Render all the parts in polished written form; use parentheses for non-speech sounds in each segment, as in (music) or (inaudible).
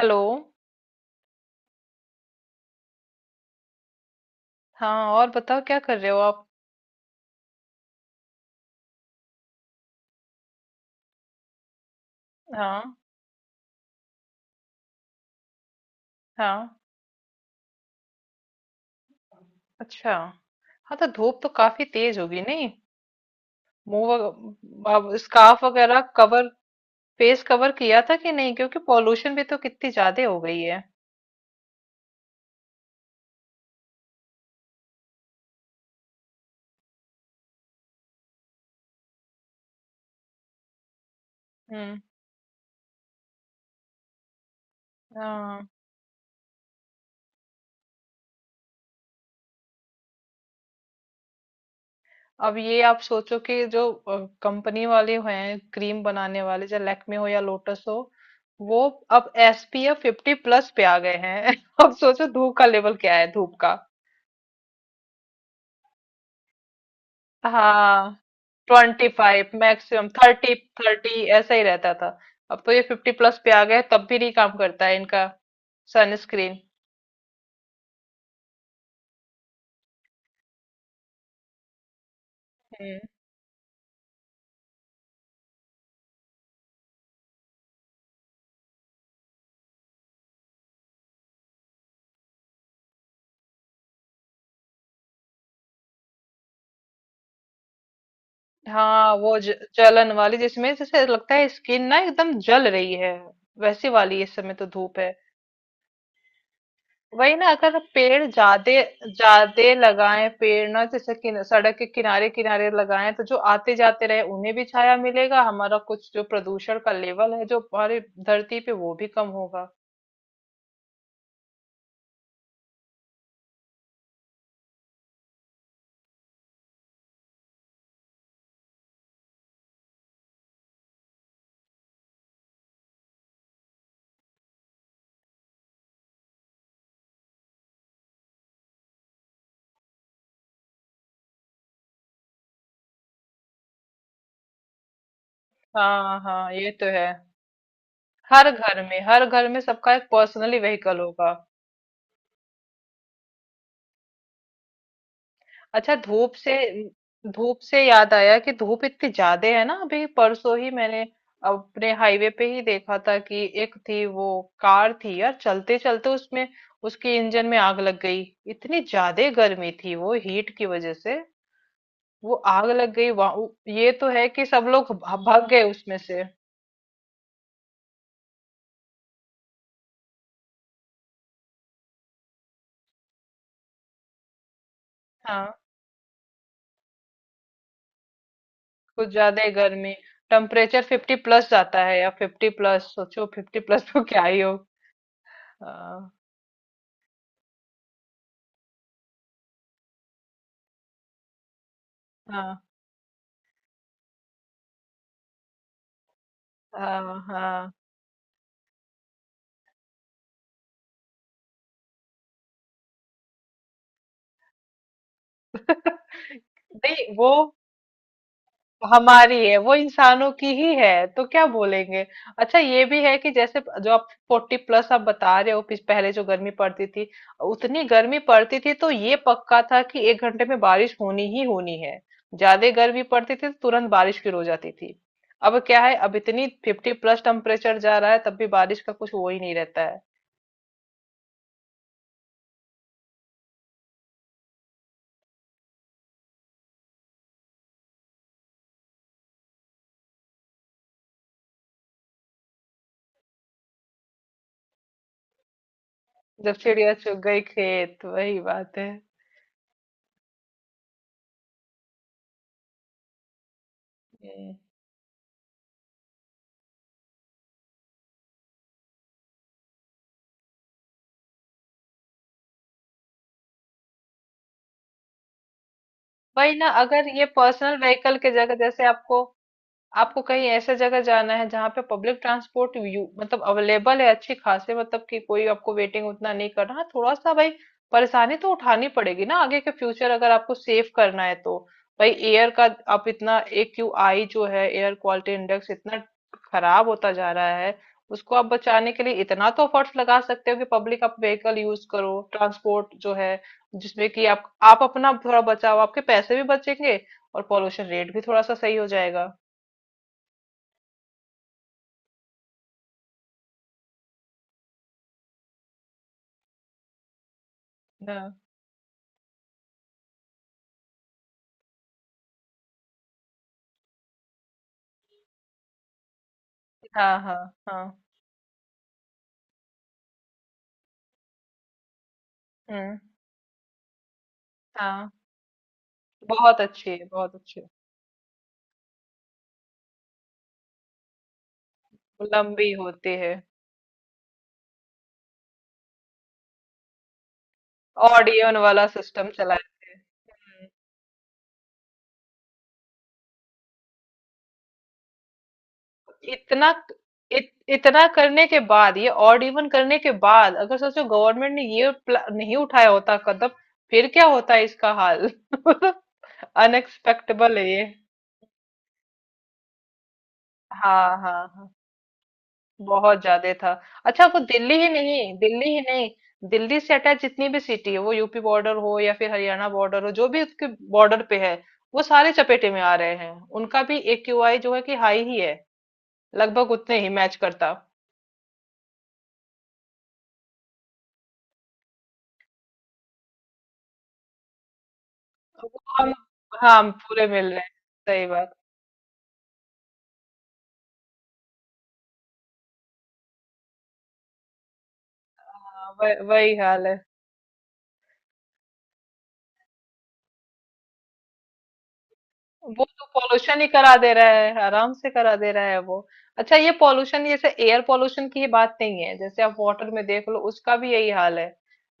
Hello. हाँ, और बताओ क्या कर रहे हो आप? हाँ। हाँ। अच्छा। हाँ, तो धूप तो काफी तेज होगी, नहीं? आप स्कार्फ वगैरह कवर, फेस कवर किया था कि नहीं? क्योंकि पॉल्यूशन भी तो कितनी ज्यादा हो गई है। हम्म। हाँ, अब ये आप सोचो कि जो कंपनी वाले हैं क्रीम बनाने वाले, चाहे लैक्मे हो या लोटस हो, वो अब SPF 50+ पे आ गए हैं। (laughs) अब सोचो धूप का लेवल क्या है, धूप का। हाँ, 25 मैक्सिमम 30, 30 ऐसा ही रहता था। अब तो ये 50+ पे आ गए, तब भी नहीं काम करता है इनका सनस्क्रीन। हम्म। हाँ, जलन वाली जिसमें जैसे लगता है स्किन ना एकदम जल रही है, वैसी वाली इस समय तो धूप है। वही ना, अगर पेड़ ज्यादा ज्यादा लगाएं पेड़ ना, जैसे सड़क के किनारे किनारे लगाएं, तो जो आते जाते रहे उन्हें भी छाया मिलेगा, हमारा कुछ जो प्रदूषण का लेवल है जो हमारी धरती पे, वो भी कम होगा। हाँ हाँ, ये तो है। हर घर में, हर घर में सबका एक पर्सनली व्हीकल होगा। अच्छा धूप से, धूप से याद आया कि धूप इतनी ज्यादा है ना, अभी परसों ही मैंने अपने हाईवे पे ही देखा था कि एक थी वो, कार थी यार, चलते चलते उसमें, उसके इंजन में आग लग गई। इतनी ज्यादा गर्मी थी, वो हीट की वजह से वो आग लग गई वहाँ। ये तो है कि सब लोग भाग गए उसमें से। हाँ, कुछ ज्यादा ही गर्मी, टेम्परेचर 50+ जाता है या 50+, सोचो 50+ तो क्या ही हो। हाँ हाँ हाँ। हाँ। (laughs) नहीं, वो हमारी है, वो इंसानों की ही है तो क्या बोलेंगे। अच्छा, ये भी है कि जैसे जो आप 40+ आप बता रहे हो, पहले जो गर्मी पड़ती थी, उतनी गर्मी पड़ती थी तो ये पक्का था कि एक घंटे में बारिश होनी ही होनी है। ज्यादा गर्मी पड़ती थी तो तुरंत बारिश शुरू हो जाती थी। अब क्या है, अब इतनी 50+ टेम्परेचर जा रहा है, तब भी बारिश का कुछ वो ही नहीं रहता है। जब चिड़िया चुग गई खेत, वही बात है। वही ना, अगर ये पर्सनल व्हीकल के जगह जैसे आपको, आपको कहीं ऐसे जगह जाना है जहाँ पे पब्लिक ट्रांसपोर्ट, यू मतलब अवेलेबल है अच्छी खासी, मतलब कि कोई आपको वेटिंग उतना नहीं करना, हाँ, थोड़ा सा भाई परेशानी तो उठानी पड़ेगी ना, आगे के फ्यूचर अगर आपको सेव करना है तो। भाई एयर का, आप इतना AQI जो है, एयर क्वालिटी इंडेक्स, इतना खराब होता जा रहा है, उसको आप बचाने के लिए इतना तो एफर्ट्स लगा सकते हो कि पब्लिक आप व्हीकल यूज करो, ट्रांसपोर्ट जो है जिसमें कि आप अपना थोड़ा बचाओ, आपके पैसे भी बचेंगे और पॉल्यूशन रेट भी थोड़ा सा सही हो जाएगा। हाँ हाँ हाँ हाँ। हम्म। हाँ, बहुत अच्छी है, बहुत अच्छी है। लंबी होती है। ऑडियन वाला सिस्टम चलाते हैं। हम्म। इतना, इतना करने के बाद ये ऑडियन करने के बाद अगर सोचो गवर्नमेंट ने ये नहीं उठाया होता कदम, फिर क्या होता है इसका हाल। (laughs) अनएक्सपेक्टेबल है ये। हाँ हाँ हाँ, बहुत ज्यादा था। अच्छा वो दिल्ली ही नहीं, दिल्ली ही नहीं, दिल्ली से अटैच जितनी भी सिटी है वो, UP बॉर्डर हो या फिर हरियाणा बॉर्डर हो, जो भी उसके बॉर्डर पे है, वो सारे चपेटे में आ रहे हैं। उनका भी AQI जो है कि हाई ही है, लगभग उतने ही मैच करता। वो, हम, हाँ हम पूरे मिल रहे हैं। सही बात। हाँ, वही हाल है। वो तो पॉल्यूशन ही करा दे रहा है, आराम से करा दे रहा है वो। अच्छा, ये पॉल्यूशन जैसे एयर पॉल्यूशन की ही बात नहीं है, जैसे आप वाटर में देख लो उसका भी यही हाल है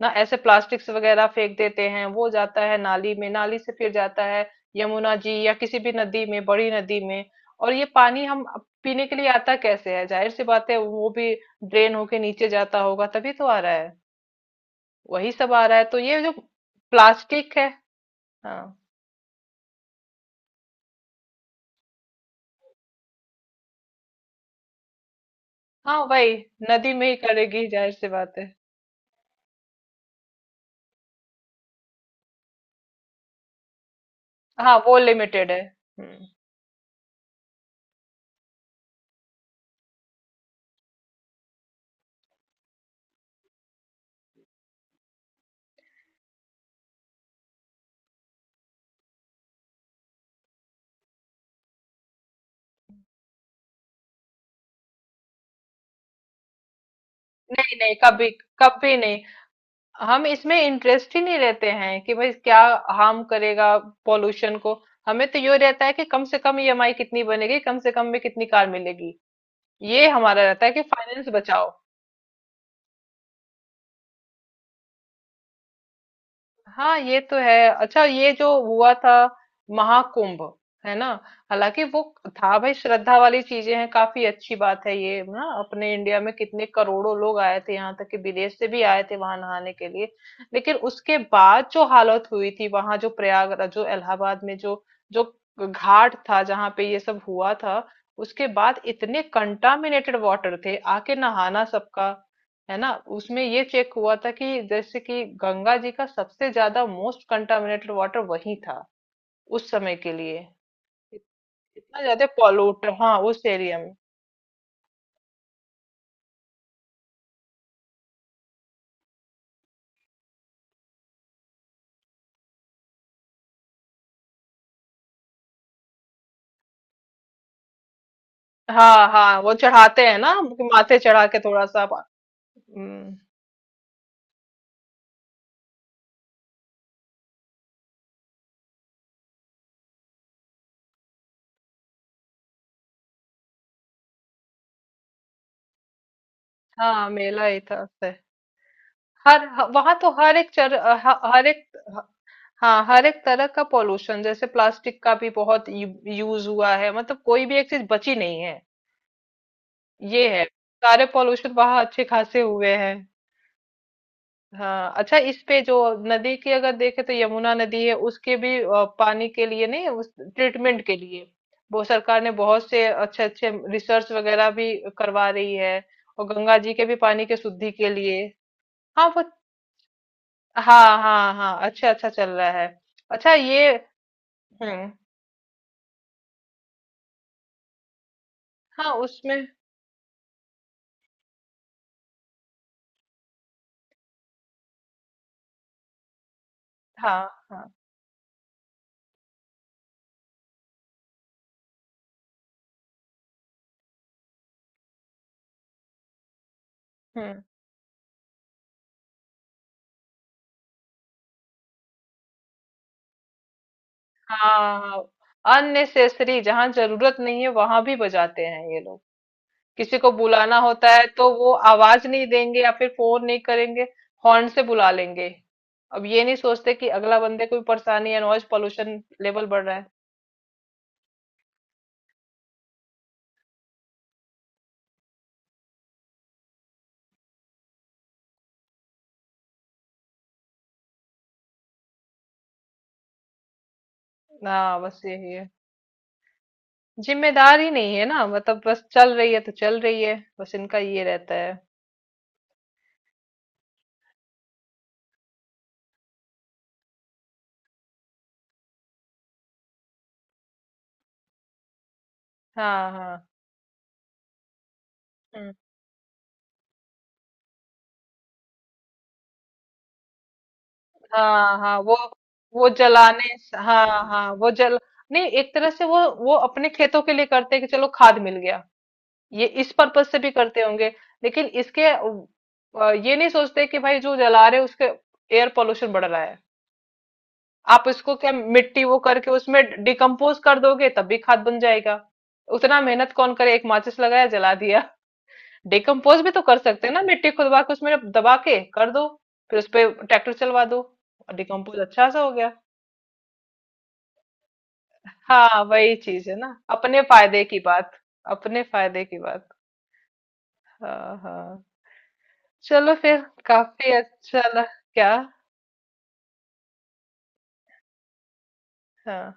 ना, ऐसे प्लास्टिक्स वगैरह फेंक देते हैं, वो जाता है नाली में, नाली से फिर जाता है यमुना जी या किसी भी नदी में, बड़ी नदी में। और ये पानी हम पीने के लिए आता कैसे है, जाहिर सी बात है वो भी ड्रेन होके नीचे जाता होगा तभी तो आ रहा है, वही सब आ रहा है, तो ये जो प्लास्टिक है। हाँ हाँ, वही नदी में ही करेगी, जाहिर सी बात है। हाँ, वो लिमिटेड है। हम्म। नहीं नहीं कभी, कभी नहीं। हम इसमें इंटरेस्ट ही नहीं लेते हैं कि भाई क्या हार्म करेगा पॉल्यूशन को, हमें तो ये रहता है कि कम से कम EMI कितनी बनेगी, कम से कम में कितनी कार मिलेगी, ये हमारा रहता है कि फाइनेंस बचाओ। हाँ ये तो है। अच्छा, ये जो हुआ था महाकुंभ, है ना, हालांकि वो था भाई, श्रद्धा वाली चीजें हैं, काफी अच्छी बात है ये ना, अपने इंडिया में कितने करोड़ों लोग आए थे, यहाँ तक कि विदेश से भी आए थे वहां नहाने के लिए। लेकिन उसके बाद जो हालत हुई थी वहां, जो प्रयागराज, जो इलाहाबाद में, जो जो घाट था जहाँ पे ये सब हुआ था, उसके बाद इतने कंटामिनेटेड वाटर थे आके नहाना सबका, है ना, उसमें ये चेक हुआ था कि जैसे कि गंगा जी का सबसे ज्यादा मोस्ट कंटामिनेटेड वाटर वही था उस समय के लिए। इत- इतना ज्यादा पॉल्यूट, हाँ उस एरिया में। हाँ हाँ, वो चढ़ाते हैं ना कि माथे चढ़ा के थोड़ा सा पा-। हम्म, हाँ मेला ही था उससे। हर, वहां तो हर एक चर, हर एक, ह- हाँ हर एक तरह का पॉल्यूशन जैसे प्लास्टिक का भी बहुत यूज हुआ है, मतलब कोई भी एक चीज बची नहीं है। ये है, सारे पॉल्यूशन वहां अच्छे खासे हुए हैं। हाँ। अच्छा, इस पे जो नदी की अगर देखे तो यमुना नदी है उसके भी पानी के लिए नहीं, उस ट्रीटमेंट के लिए वो सरकार ने बहुत से अच्छे अच्छे रिसर्च वगैरह भी करवा रही है, और गंगा जी के भी पानी के शुद्धि के लिए। हाँ वो, हाँ हाँ हाँ, अच्छा अच्छा चल रहा है। अच्छा ये, हम्म, हाँ उसमें, हाँ हाँ, हम्म। हाँ, अननेसेसरी जहाँ जरूरत नहीं है वहां भी बजाते हैं ये लोग, किसी को बुलाना होता है तो वो आवाज नहीं देंगे या फिर फोन नहीं करेंगे, हॉर्न से बुला लेंगे। अब ये नहीं सोचते कि अगला बंदे को भी परेशानी है, नॉइज पोल्यूशन लेवल बढ़ रहा है। ना बस यही है, जिम्मेदार ही नहीं है ना, मतलब बस चल रही है तो चल रही है, बस इनका ये रहता है। हाँ हाँ। हम्म। हाँ हाँ, वो जलाने, हाँ हाँ वो जल, नहीं एक तरह से वो अपने खेतों के लिए करते हैं कि चलो खाद मिल गया, ये इस पर्पज से भी करते होंगे। लेकिन इसके ये नहीं सोचते कि भाई जो जला रहे उसके एयर पोल्यूशन बढ़ रहा है। आप इसको क्या मिट्टी वो करके उसमें डिकम्पोज कर दोगे तब भी खाद बन जाएगा। उतना मेहनत कौन करे, एक माचिस लगाया जला दिया। डिकम्पोज भी तो कर सकते हैं ना, मिट्टी खुदवा के उसमें दबा के कर दो, फिर उस पे ट्रैक्टर चलवा दो, डिकम्पोज अच्छा सा हो गया। हाँ वही चीज है ना, अपने फायदे की बात, अपने फायदे की बात। हाँ हाँ। चलो फिर। काफ़ी अच्छा लग, क्या? हाँ।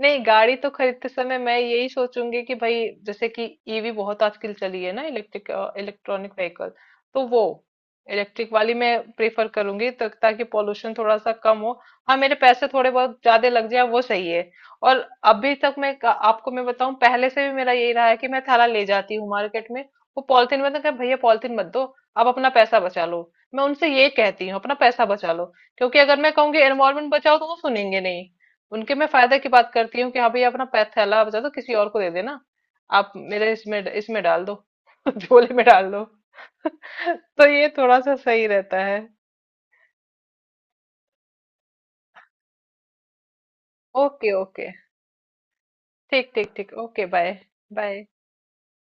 नहीं, गाड़ी तो खरीदते समय मैं यही सोचूंगी कि भाई जैसे कि EV बहुत आजकल चली है ना, इलेक्ट्रिक, इलेक्ट्रॉनिक व्हीकल, तो वो इलेक्ट्रिक वाली मैं प्रेफर करूंगी, तो ताकि पोल्यूशन थोड़ा सा कम हो, हाँ मेरे पैसे थोड़े बहुत ज्यादा लग जाए वो सही है। और अभी तक मैं आपको मैं बताऊं, पहले से भी मेरा यही रहा है कि मैं थैला ले जाती हूँ मार्केट में, वो पॉलिथीन में तो कहा, भैया पॉलिथीन मत दो, आप अपना पैसा बचा लो, मैं उनसे ये कहती हूँ अपना पैसा बचा लो, क्योंकि अगर मैं कहूंगी एनवायरमेंट बचाओ तो वो सुनेंगे नहीं, उनके मैं फायदे की बात करती हूँ कि हाँ भाई अपना थैला बचा दो, किसी और को दे देना, आप मेरे इसमें इसमें डाल दो, (laughs) झोले में डाल दो, (laughs) तो ये थोड़ा सा सही रहता है। Okay okay. ठीक ठीक ठीक। Okay bye. बाय।